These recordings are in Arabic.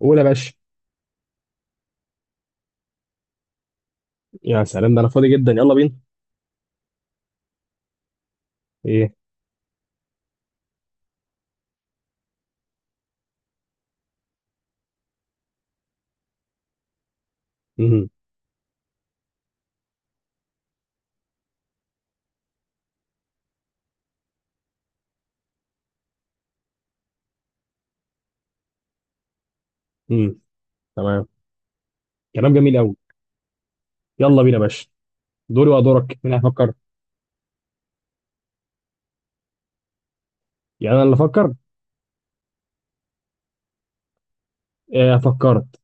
قول يا باشا. يا سلام، ده انا فاضي جدا، يلا بينا. ايه؟ امم امم تمام كلام جميل قوي. يلا بينا يا باشا، دوري ودورك مين هيفكر؟ يعني انا اللي افكر؟ إيه فكرت؟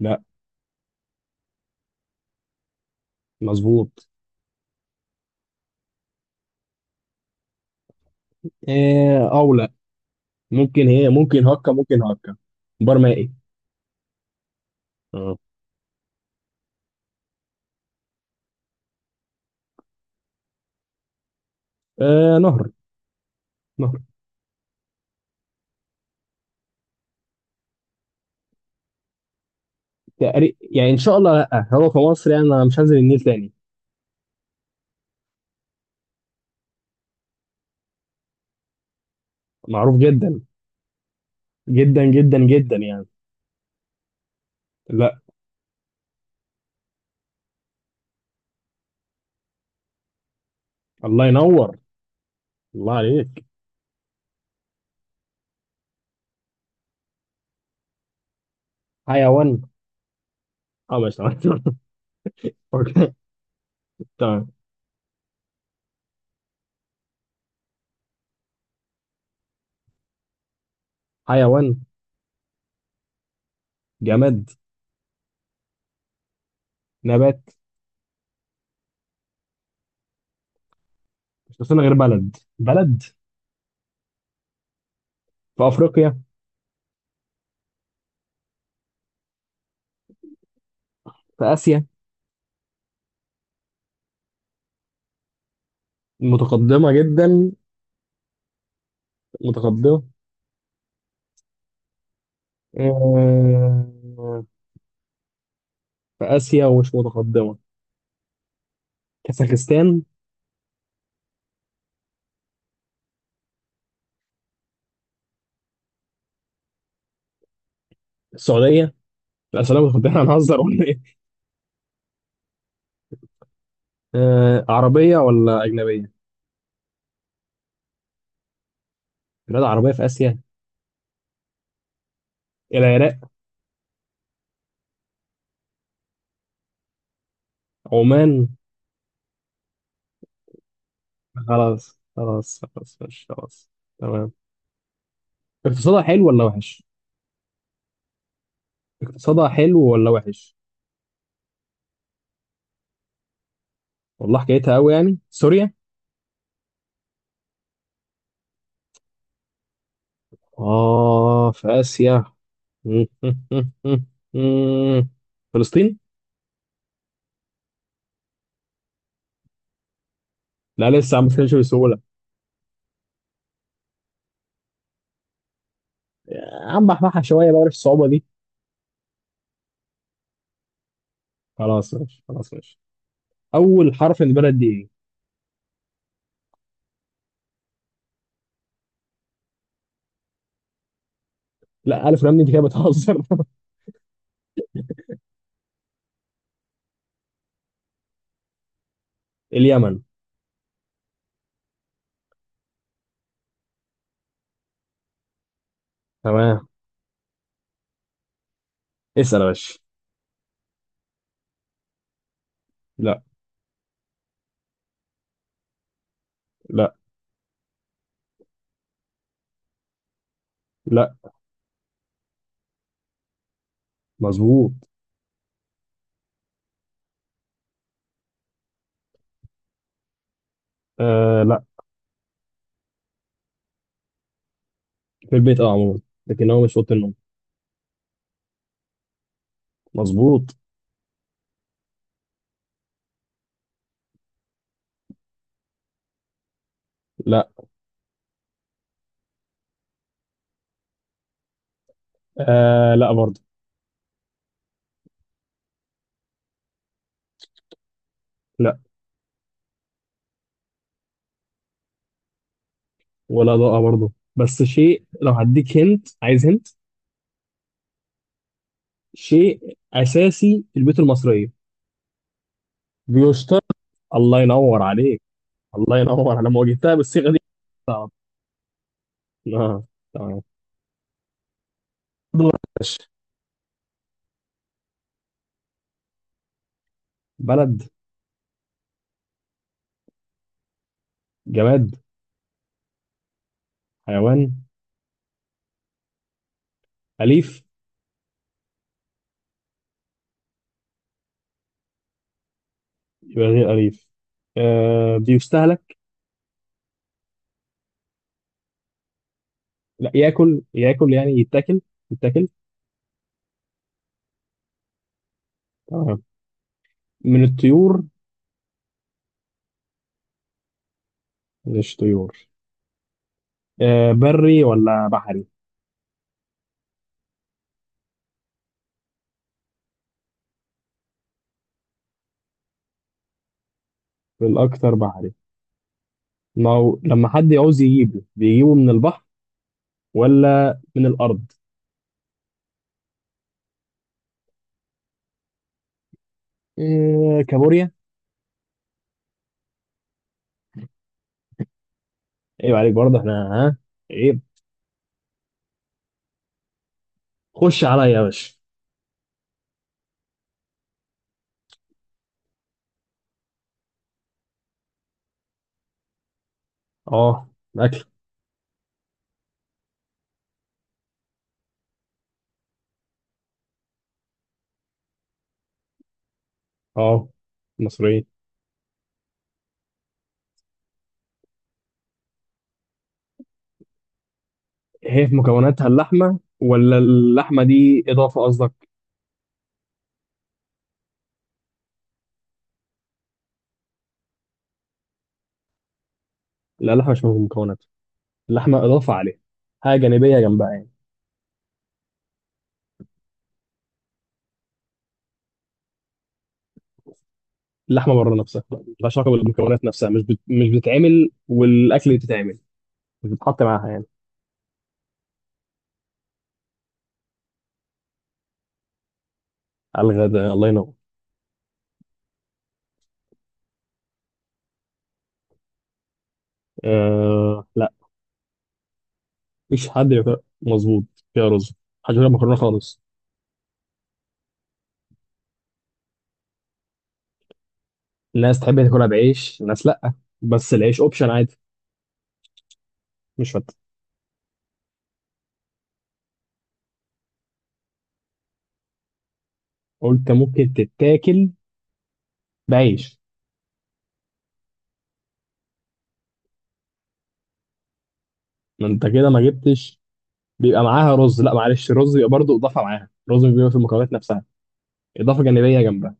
لا. مظبوط. إيه او لا؟ ممكن هي ممكن هكا ممكن هكا. بار مائي. اه. نهر. نهر. تقريبا يعني، ان شاء الله، لا هو في مصر يعني انا مش هنزل النيل تاني. معروف جدا. جدا جدا جدا يعني. لا. الله ينور. الله عليك. حيوان. اه ماشي تمام. أوكي. تمام. حيوان. جماد. نبات. مش ناقصنا غير بلد. بلد. في افريقيا. في اسيا. متقدمه جدا. متقدمه. آه، في اسيا ومش متقدمه. كازاخستان. السعوديه. لا سلام، متقدمه، هنهزر ولا ايه؟ عربيه ولا اجنبيه؟ بلاد عربيه في اسيا. العراق. عمان. خلاص خلاص خلاص ماشي خلاص. تمام. اقتصادها حلو ولا وحش؟ اقتصادها حلو ولا وحش؟ والله حكايتها قوي يعني. سوريا. اه في اسيا. فلسطين؟ لا لسه عم بفهمش بسهولة. عم بحبحها شوية بقى في الصعوبة دي. خلاص ماشي، خلاص ماشي. أول حرف من البلد دي إيه؟ لا، ألف لام دي أنت كده بتهزر. اليمن. تمام. اسأل يا باشا. لا. لا. لا. مظبوط. آه لا. في البيت اه عموما. لكن هو مش في أوضة النوم. مظبوط. لا. آه لا برضه. لا ولا ضاءة برضه، بس شيء لو هديك هنت عايز هنت. شيء أساسي في البيوت المصرية. بيشترط. الله ينور عليك. الله ينور، انا ما واجهتها بالصيغه دي. صعب. اه. تمام. دور يا باشا. بلد. جماد. حيوان. اليف. يبقى غير اليف. آه بيستهلك. لا، ياكل ياكل يعني، يتاكل. يتاكل. تمام. من الطيور. مش طيور. آه بري ولا بحري؟ الاكثر بحري. ما هو لما حد يعوز يجيبه بيجيبه من البحر ولا من الارض. آه كابوريا. ايوه عليك برضه، احنا ها. ايه؟ خش عليا يا باشا. اه. اكل. اه مصرية. هي في مكوناتها اللحمة ولا اللحمة دي إضافة قصدك؟ لا، اللحمة مش في المكونات. اللحمة إضافة عليها، حاجة جانبية جنبها يعني. اللحمة بره نفسها، ملهاش علاقة بالمكونات نفسها، مش بتتعمل والأكل بتتعمل. مش بتتحط معاها يعني. على الغداء، الله ينور. لا. مفيش حد بياكل. مظبوط. فيها رز. محدش بياكل مكرونة خالص. الناس تحب تاكلها بعيش، الناس لا، بس العيش أوبشن عادي. مش فاتح. قلت ممكن تتاكل بعيش. ما انت كده ما جبتش. بيبقى معاها رز، لا معلش الرز بيبقى برضه اضافه معاها، الرز بيبقى في المكونات نفسها، اضافه جانبيه جنبها.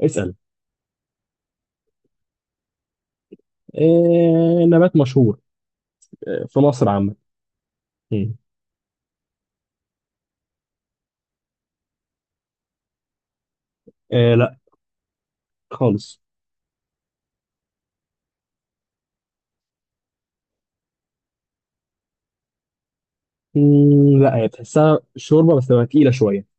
اسال. إيه نبات مشهور؟ إيه في مصر عامه. مم. إيه لا. خالص. لا، هي تحسها شوربه بس تبقى تقيله شويه.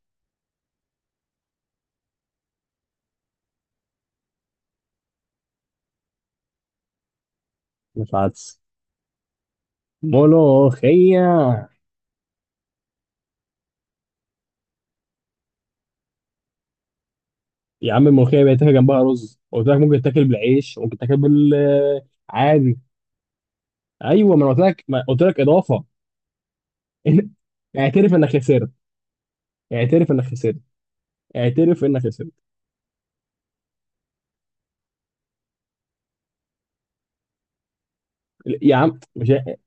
مش عدس. ملوخيه. يا عم الملوخيه بيتاكل جنبها رز، قلت لك ممكن تاكل بالعيش ممكن تاكل بال عادي. ايوه، ما انا قلت لك ما قلت لك اضافه. اعترف انك خسرت. اعترف انك خسرت. اعترف انك خسرت. يا عم مش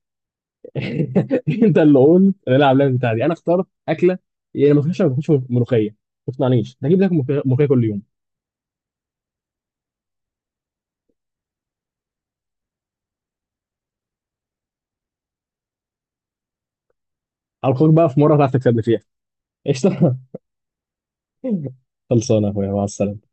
انت اللي قلت نلعب اللعبه بتاعتي دي، انا اخترت اكله. يعني ما تخش ما تخش ملوخيه. ما تقنعنيش، هجيب لك ملوخيه، ملوخية كل يوم. على الخير بقى، في مره هتعرف تكسبني فيها. قشطه. خلصانه يا اخويا، مع السلامه.